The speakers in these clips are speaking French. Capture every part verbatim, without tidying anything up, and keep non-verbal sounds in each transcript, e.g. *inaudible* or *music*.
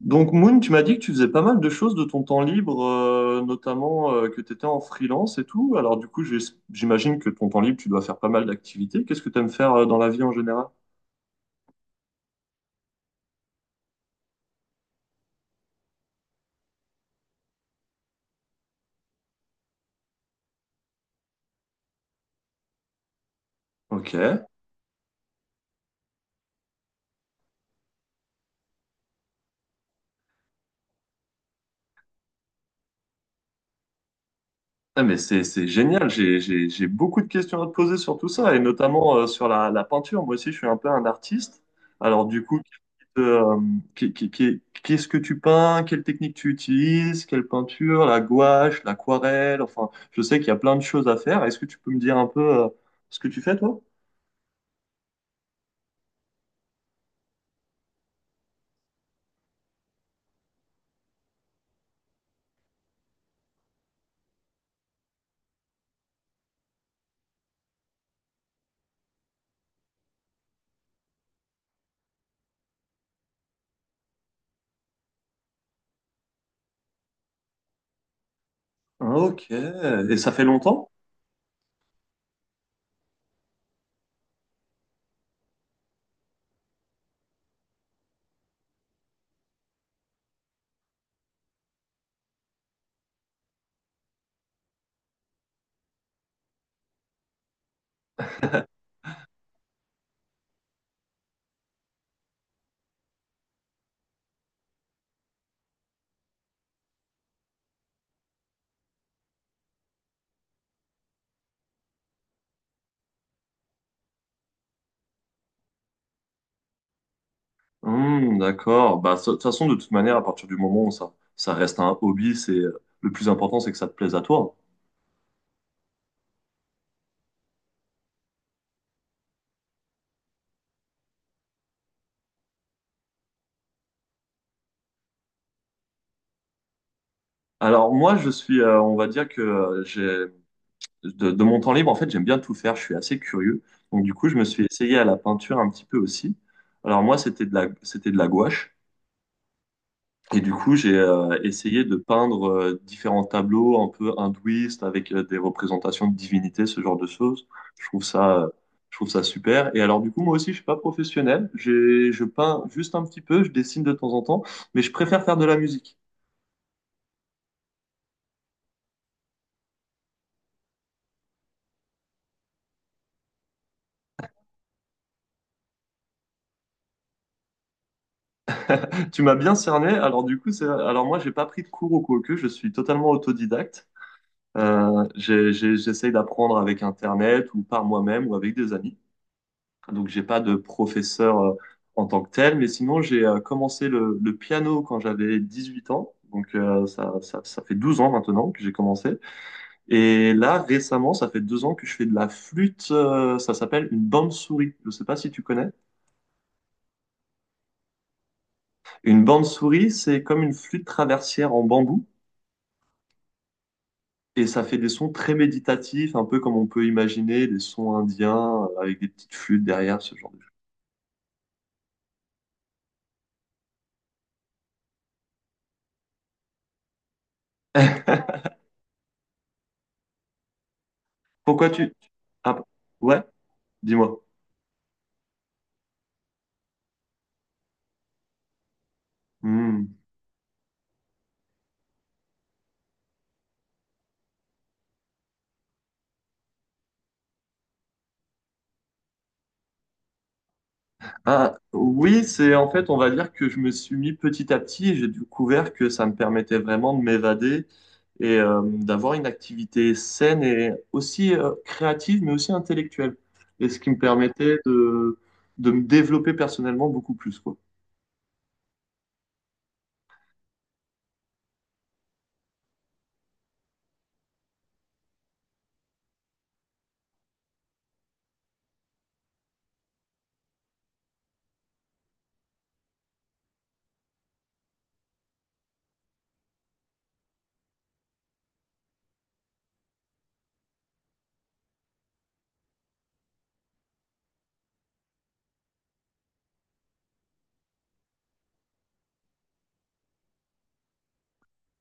Donc, Moon, tu m'as dit que tu faisais pas mal de choses de ton temps libre, euh, notamment euh, que tu étais en freelance et tout. Alors, du coup, j'ai- j'imagine que ton temps libre, tu dois faire pas mal d'activités. Qu'est-ce que tu aimes faire euh, dans la vie en général? Ok. Ah, mais c'est c'est génial, j'ai j'ai- j'ai beaucoup de questions à te poser sur tout ça, et notamment euh, sur la, la peinture. Moi aussi, je suis un peu un artiste. Alors du coup, euh, qui- qui- qui- qu'est-ce que tu peins? Quelle technique tu utilises? Quelle peinture? La gouache, l'aquarelle? Enfin, je sais qu'il y a plein de choses à faire. Est-ce que tu peux me dire un peu euh, ce que tu fais, toi? Ah, ok. Et ça fait longtemps? Hmm, d'accord. Bah, de toute façon, de toute manière, à partir du moment où ça, ça reste un hobby, c'est euh, le plus important, c'est que ça te plaise à toi. Alors moi, je suis, euh, on va dire que euh, j'ai de, de mon temps libre, en fait, j'aime bien tout faire. Je suis assez curieux. Donc du coup, je me suis essayé à la peinture un petit peu aussi. Alors moi, c'était de la, c'était de la gouache. Et du coup, j'ai euh, essayé de peindre euh, différents tableaux un peu hindouistes avec euh, des représentations de divinités, ce genre de choses. Je trouve ça, euh, je trouve ça super. Et alors du coup, moi aussi, je suis pas professionnel. J'ai, je peins juste un petit peu, je dessine de temps en temps, mais je préfère faire de la musique. Tu m'as bien cerné. Alors du coup, c'est... alors moi, j'ai pas pris de cours au Koku. Je suis totalement autodidacte. Euh, j'ai- j'ai- j'essaye d'apprendre avec Internet ou par moi-même ou avec des amis. Donc j'ai pas de professeur euh, en tant que tel, mais sinon j'ai euh, commencé le, le piano quand j'avais dix-huit ans. Donc euh, ça, ça, ça fait douze ans maintenant que j'ai commencé. Et là, récemment, ça fait deux ans que je fais de la flûte. Euh, ça s'appelle une bande-souris. Je sais pas si tu connais. Une bande-souris, c'est comme une flûte traversière en bambou. Et ça fait des sons très méditatifs, un peu comme on peut imaginer des sons indiens euh, avec des petites flûtes derrière, ce genre de choses. *laughs* Pourquoi tu... Ah, ouais, dis-moi. Hmm. Ah, oui, c'est en fait, on va dire que je me suis mis petit à petit et j'ai découvert que ça me permettait vraiment de m'évader et euh, d'avoir une activité saine et aussi euh, créative, mais aussi intellectuelle. Et ce qui me permettait de, de me développer personnellement beaucoup plus, quoi.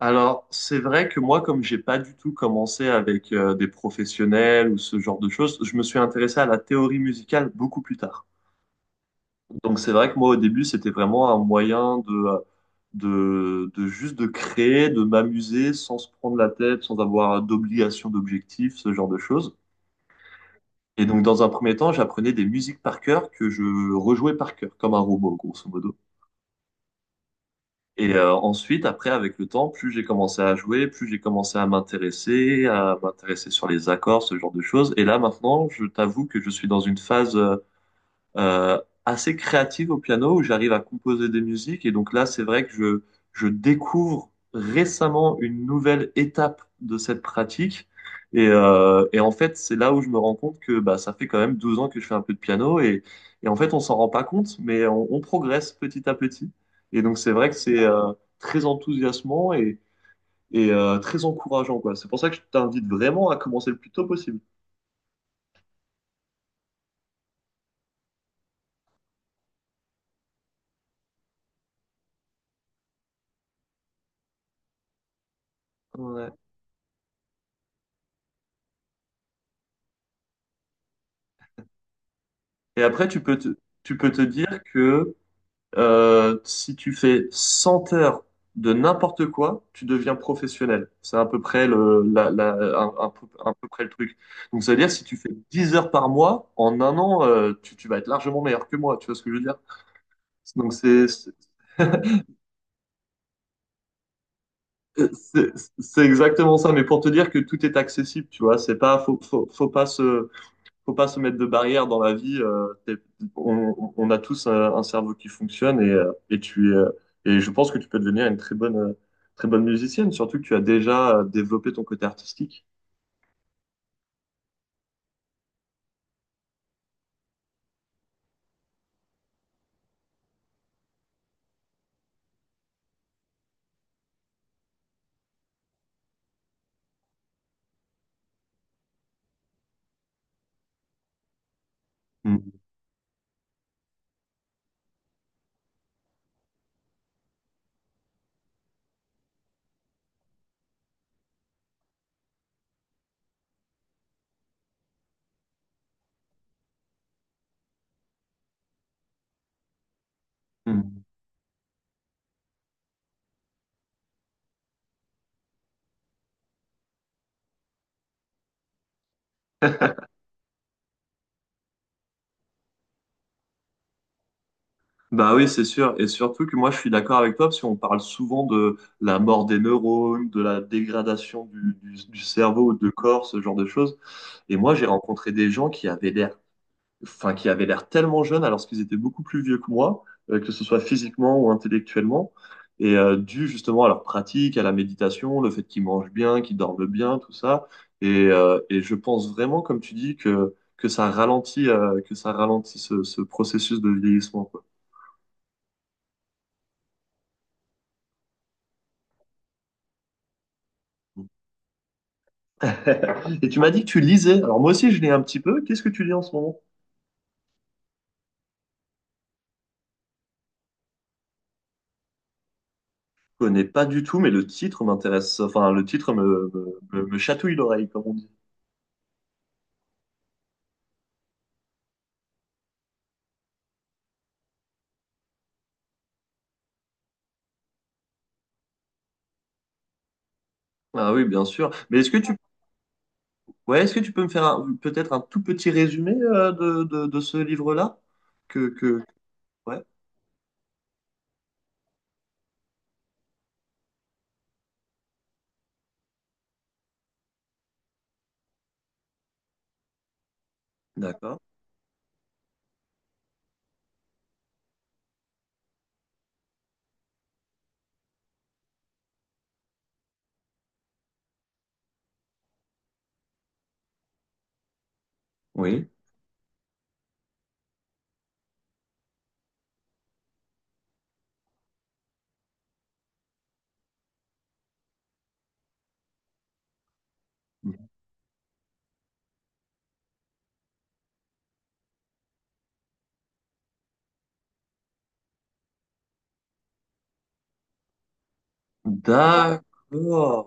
Alors, c'est vrai que moi, comme j'ai pas du tout commencé avec euh, des professionnels ou ce genre de choses, je me suis intéressé à la théorie musicale beaucoup plus tard. Donc, c'est vrai que moi, au début, c'était vraiment un moyen de, euh, de, de juste de créer, de m'amuser sans se prendre la tête, sans avoir d'obligation, d'objectif, ce genre de choses. Et donc, dans un premier temps, j'apprenais des musiques par cœur que je rejouais par cœur, comme un robot, grosso modo. Et euh, ensuite, après, avec le temps, plus j'ai commencé à jouer, plus j'ai commencé à m'intéresser, à m'intéresser sur les accords, ce genre de choses. Et là, maintenant, je t'avoue que je suis dans une phase euh, euh, assez créative au piano où j'arrive à composer des musiques. Et donc là, c'est vrai que je, je découvre récemment une nouvelle étape de cette pratique. Et, euh, et en fait, c'est là où je me rends compte que bah, ça fait quand même douze ans que je fais un peu de piano et, et en fait, on s'en rend pas compte, mais on, on progresse petit à petit. Et donc, c'est vrai que c'est euh, très enthousiasmant et, et euh, très encourageant, quoi. C'est pour ça que je t'invite vraiment à commencer le plus tôt possible. Ouais. Et après, tu peux te, tu peux te dire que Euh, si tu fais cent heures de n'importe quoi, tu deviens professionnel. C'est à peu près le, la, la- un, un peu, un peu près le truc. Donc, ça veut dire si tu fais dix heures par mois, en un an, euh, tu, tu vas être largement meilleur que moi. Tu vois ce que je veux dire? Donc, c'est, c'est- c'est c'est exactement ça, mais pour te dire que tout est accessible, tu vois, c'est pas, faut, faut, faut pas se, faut pas se mettre de barrière dans la vie. euh, t'es- on, on, a tous un, un cerveau qui fonctionne et, euh, et tu es, euh, et je pense que tu peux devenir une très bonne, euh, très bonne musicienne, surtout que tu as déjà euh, développé ton côté artistique. Mm. Mm. *laughs* Bah oui, c'est sûr. Et surtout que moi, je suis d'accord avec toi, parce qu'on parle souvent de la mort des neurones, de la dégradation du, du, du cerveau, de corps, ce genre de choses. Et moi, j'ai rencontré des gens qui avaient l'air enfin, qui avaient l'air tellement jeunes alors qu'ils étaient beaucoup plus vieux que moi, euh, que ce soit physiquement ou intellectuellement. Et euh, dû justement à leur pratique, à la méditation, le fait qu'ils mangent bien, qu'ils dorment bien, tout ça. Et, euh, et je pense vraiment, comme tu dis, que, que ça ralentit, euh, que ça ralentit ce, ce processus de vieillissement, quoi. *laughs* Et tu m'as dit que tu lisais. Alors moi aussi, je lis un petit peu. Qu'est-ce que tu lis en ce moment? Je connais pas du tout, mais le titre m'intéresse. Enfin, le titre me, me, me- me chatouille l'oreille, comme on dit. Ah oui, bien sûr. Mais est-ce que tu ouais, est-ce que tu peux me faire un- peut-être un tout petit résumé euh, de, de, de ce livre-là? Que, que... Ouais, d'accord. Oui. D'accord.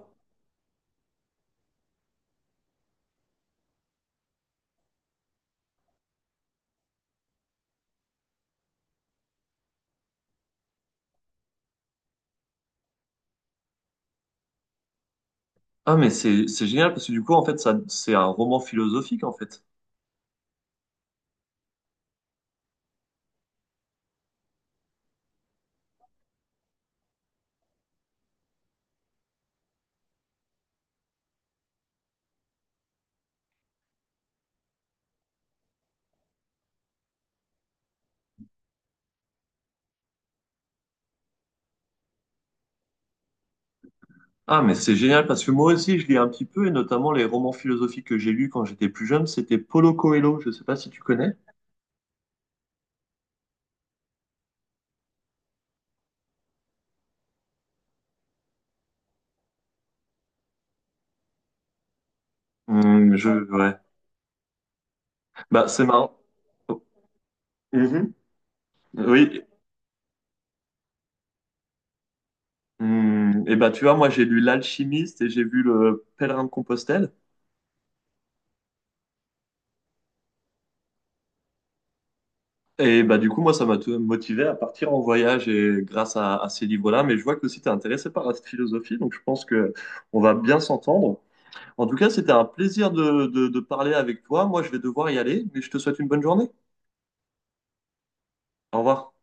Ah, mais c'est c'est génial parce que du coup, en fait, ça, c'est un roman philosophique, en fait. Ah, mais c'est génial parce que moi aussi, je lis un petit peu, et notamment les romans philosophiques que j'ai lus quand j'étais plus jeune, c'était Paulo Coelho, je sais pas si tu connais. Hmm, je, ouais. Bah, c'est marrant. Oh. Mhm. Oui. Hmm, et bah, tu vois, moi, j'ai lu L'Alchimiste et j'ai vu Le Pèlerin de Compostelle. Et bah du coup, moi, ça m'a tout- motivé à partir en voyage et grâce à, à ces livres-là. Mais je vois que aussi tu es intéressé par cette philosophie, donc je pense que on va bien s'entendre. En tout cas, c'était un plaisir de, de de parler avec toi. Moi, je vais devoir y aller, mais je te souhaite une bonne journée. Au revoir.